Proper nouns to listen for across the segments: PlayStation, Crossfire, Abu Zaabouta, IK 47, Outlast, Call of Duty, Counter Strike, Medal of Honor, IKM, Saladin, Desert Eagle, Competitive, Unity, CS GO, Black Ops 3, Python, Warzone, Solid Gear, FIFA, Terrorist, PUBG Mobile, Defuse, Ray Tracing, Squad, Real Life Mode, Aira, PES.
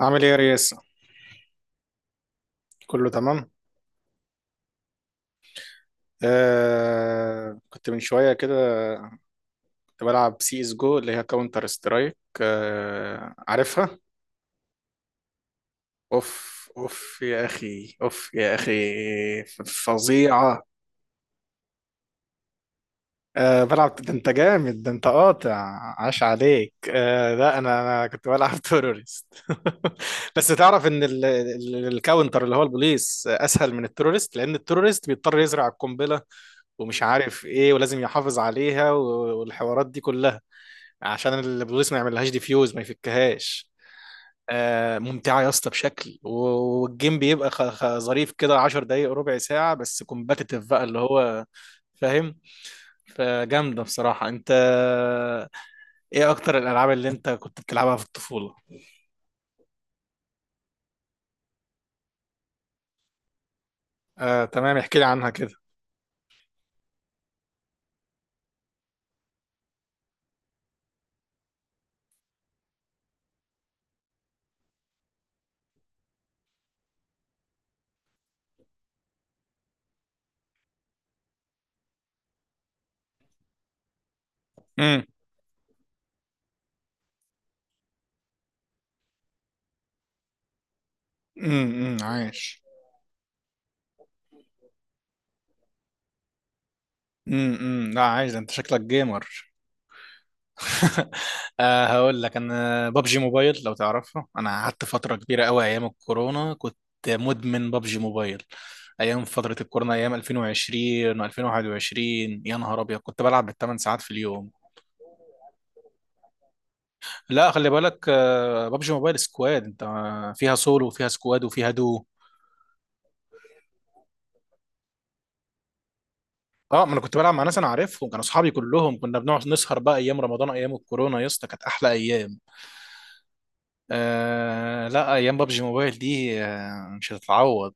عامل ايه يا ريس؟ كله تمام. كنت من شويه كده، كنت بلعب سي اس جو اللي هي كاونتر سترايك، عارفها. اوف اوف يا اخي، اوف يا اخي. فظيعه. بلعب، ده انت جامد، ده انت قاطع، عاش عليك. آه لا، انا كنت بلعب تيرورست. بس تعرف ان الكاونتر اللي هو البوليس اسهل من التيرورست، لان التيرورست بيضطر يزرع القنبله ومش عارف ايه، ولازم يحافظ عليها والحوارات دي كلها، عشان البوليس ما يعملهاش ديفيوز، ما يفكهاش. ممتعة يا اسطى بشكل والجيم بيبقى ظريف كده، 10 دقايق ربع ساعة، بس كومباتيتيف بقى اللي هو فاهم. فجامدة بصراحة انت. ايه اكتر الالعاب اللي انت كنت بتلعبها في الطفولة؟ آه تمام، احكي لي عنها كده. امم. امم، عايش. لا عايش، ده انت شكلك جيمر. آه، هقول لك، انا بابجي موبايل لو تعرفها، انا قعدت فتره كبيره قوي ايام الكورونا، كنت مدمن بابجي موبايل. ايام فتره الكورونا ايام 2020 و2021، يا نهار ابيض كنت بلعب بـ 8 ساعات في اليوم. لا خلي بالك، آه، بابجي موبايل سكواد، انت فيها سولو وفيها سكواد وفيها دو. اه، ما انا كنت بلعب مع ناس انا عارفهم، كانوا اصحابي كلهم، كنا بنقعد نسهر بقى ايام رمضان ايام الكورونا، يا اسطى كانت احلى ايام. آه لا، ايام بابجي موبايل دي آه مش هتتعوض.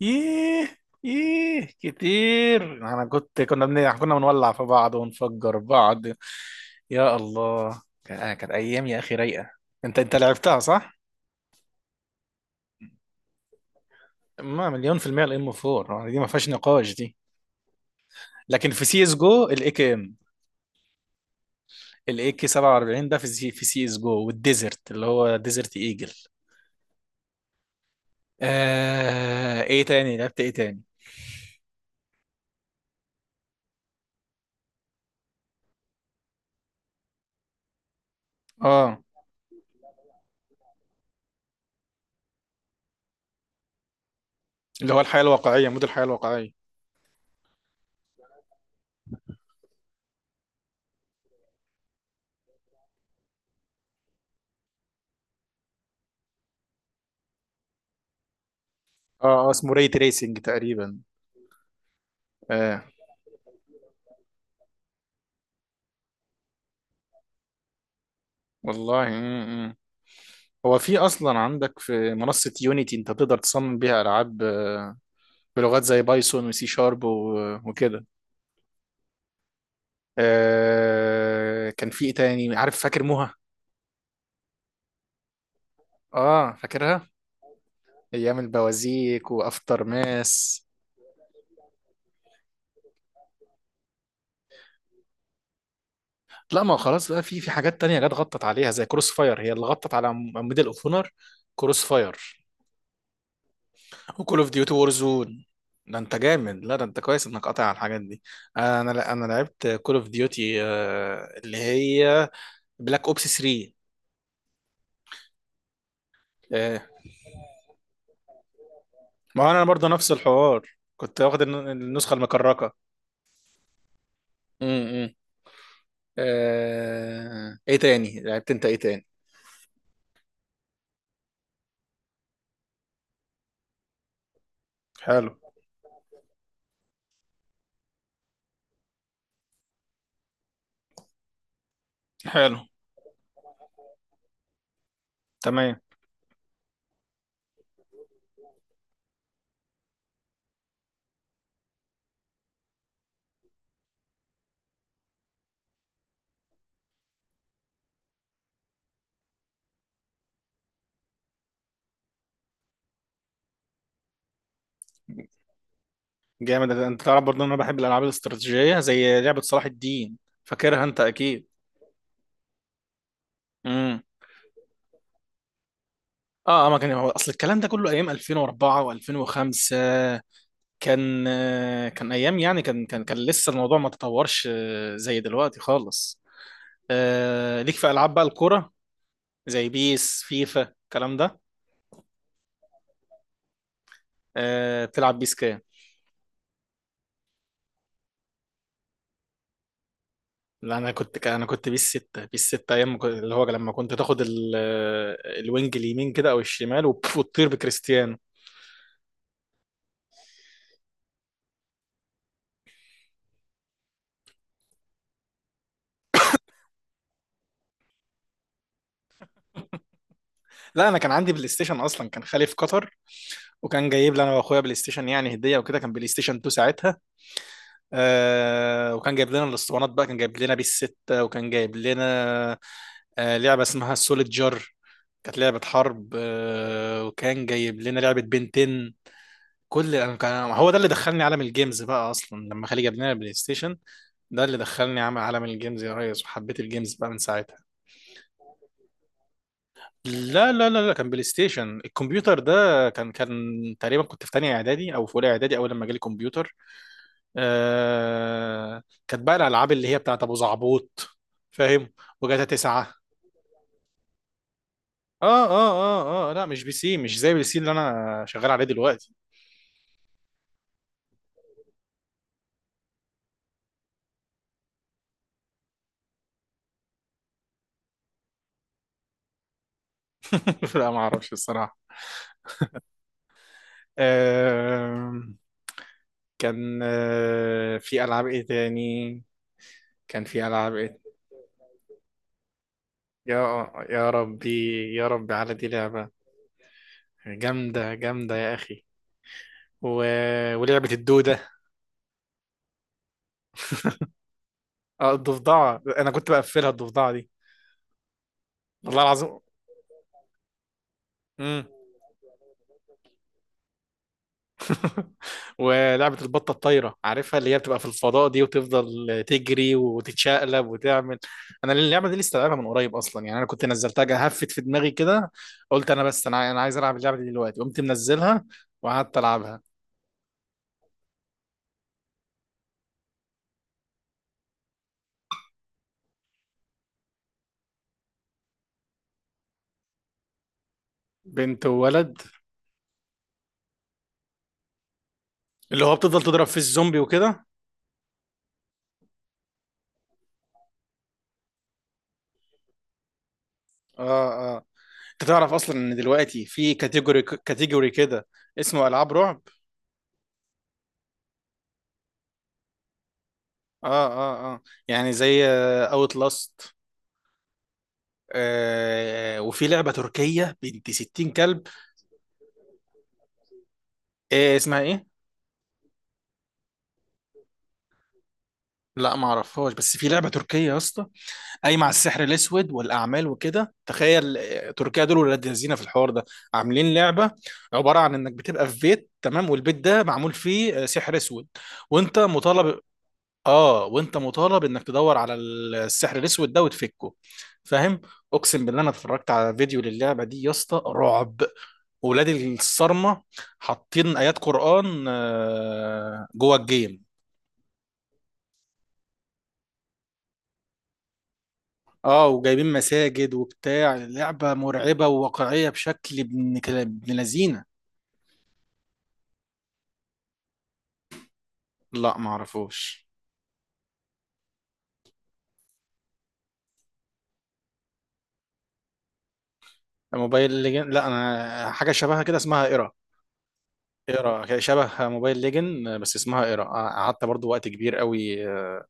ييه، ييه كتير، انا كنا بنولع في بعض ونفجر بعض. يا الله، كانت ايام يا اخي رايقه. انت لعبتها صح. ما مليون في المية الام 4 دي ما فيهاش نقاش دي. لكن في سي اس جو الاي كي ام، الاي كي 47 ده في سي اس جو، والديزرت اللي هو ديزرت ايجل. آه... ايه تاني لعبت، ايه تاني؟ اه اللي هو الحياه الواقعيه، مود الحياه الواقعيه. اه آه، اسمه ري تريسنج تقريبا. اه والله. هو في اصلا عندك في منصة يونيتي انت تقدر تصمم بيها العاب، آه، بلغات زي بايثون وسي شارب وكده. آه، كان في ايه تاني، عارف فاكر موها؟ اه فاكرها. ايام البوازيك وافتر ماس. لا، ما هو خلاص بقى، في حاجات تانية جت غطت عليها زي كروس فاير، هي اللي غطت على ميدل اوف اونر. كروس فاير. وكول اوف ديوتي وور زون. ده انت جامد، لا ده انت كويس انك قاطع على الحاجات دي. انا لعبت كول اوف ديوتي اللي هي بلاك اوبس 3. ايه، ما هو انا برضه نفس الحوار، كنت واخد النسخه المكركه. امم. آه... ايه تاني لعبت انت، ايه تاني؟ حلو. حلو. تمام. جامد، انت تعرف برضه ان انا بحب الالعاب الاستراتيجيه زي لعبه صلاح الدين؟ فاكرها انت اكيد. امم. اه اه، ما كان هو اصل الكلام ده كله ايام 2004 و2005. كان آه، كان ايام يعني، كان لسه الموضوع ما تطورش آه، زي دلوقتي خالص. آه، ليك في العاب بقى الكوره زي بيس فيفا الكلام ده. آه بتلعب بيس كام؟ لا انا كنت انا كنت بيس 6، بيس 6 ايام ما كنت- اللي هو لما كنت تاخد الوينج اليمين كده او الشمال وتطير بكريستيانو. لا انا كان عندي بلاي ستيشن اصلا، كان خالي في قطر وكان جايب لي انا واخويا بلاي ستيشن يعني هديه وكده، كان بلاي ستيشن 2 ساعتها. آه، وكان جايب لنا الاسطوانات بقى، كان جايب لنا بيس 6 وكان جايب لنا آه لعبه اسمها سوليد جار، كانت لعبه حرب، آه وكان جايب لنا لعبه بنتين. كل انا كان، هو ده اللي دخلني عالم الجيمز بقى اصلا لما خالي جاب لنا البلاي ستيشن. ده اللي دخلني عالم الجيمز يا ريس، وحبيت الجيمز بقى من ساعتها. لا، كان بلاي ستيشن الكمبيوتر ده. كان تقريبا كنت في تانية اعدادي او في اولى اعدادي اول لما جالي كمبيوتر. آه... كانت بقى الالعاب اللي هي بتاعت ابو زعبوط، فاهم؟ وجاتا 9. اه اه اه. اه لا مش بي سي، مش زي البي سي اللي انا شغال عليه دلوقتي. لا ما اعرفش الصراحة. آه... كان آه، في ألعاب إيه تاني؟ كان في ألعاب إيه؟ يا، يا ربي، يا ربي على دي لعبة. جامدة جامدة يا أخي. و... ولعبة الدودة. اه الضفدعة، أنا كنت بقفلها الضفدعة دي والله العظيم. مم. ولعبة البطة الطايرة عارفها، اللي هي بتبقى في الفضاء دي وتفضل تجري وتتشقلب وتعمل. انا اللعبة دي لسه لعبها من قريب اصلا، يعني انا كنت نزلتها هفت في دماغي كده، قلت انا، بس انا عايز العب اللعبة دي دلوقتي، قمت منزلها وقعدت العبها. بنت وولد اللي هو بتفضل تضرب في الزومبي وكده. اه اه. انت تعرف اصلا ان دلوقتي في كاتيجوري كده اسمه العاب رعب. اه، يعني زي اوت لاست آه Outlast. آه، وفي لعبة تركية بنت 60 كلب. ايه اسمها ايه؟ لا ما اعرفهاش، بس في لعبه تركيه يا اسطى قايمه على السحر الاسود والاعمال وكده، تخيل آه، تركيا دول ولاد لذينه في الحوار ده. عاملين لعبه عباره عن انك بتبقى في بيت تمام، والبيت ده معمول فيه آه، سحر اسود، وانت مطالب. اه، وانت مطالب انك تدور على السحر الاسود ده وتفكه، فاهم؟ اقسم بالله انا اتفرجت على فيديو للعبه دي يا اسطى، رعب، ولاد الصرمه حاطين ايات قران آه، جوه الجيم. اه، وجايبين مساجد وبتاع، لعبة مرعبة وواقعية بشكل ابن لذينة. لا ما اعرفوش. موبايل ليجن؟ لا انا حاجة شبهها كده اسمها ايرا. ايرا شبه موبايل ليجن بس اسمها ايرا، قعدت برضو وقت كبير قوي آه،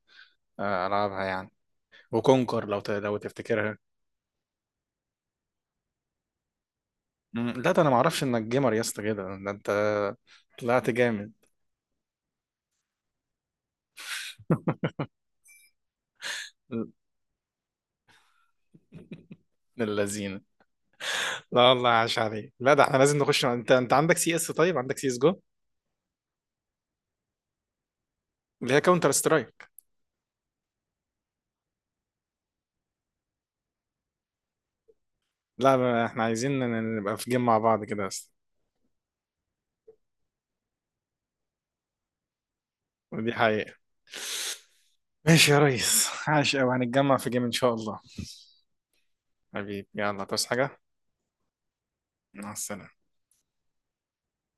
آه، العبها يعني. وكونكر لو تفتكرها. مم، لا ده انا ما اعرفش انك جيمر يا اسطى كده، ده انت طلعت جامد، من اللذينة. لا والله، عاش عليك، لا ده احنا لازم نخش. انت عندك سي اس، طيب عندك سي اس جو اللي هي كاونتر سترايك؟ لا احنا عايزين نبقى في جيم مع بعض كده بس. ودي حقيقة. ماشي يا ريس، عاش أوي، هنتجمع في جيم إن شاء الله. حبيبي يلا، تصحى حاجة. مع السلامة.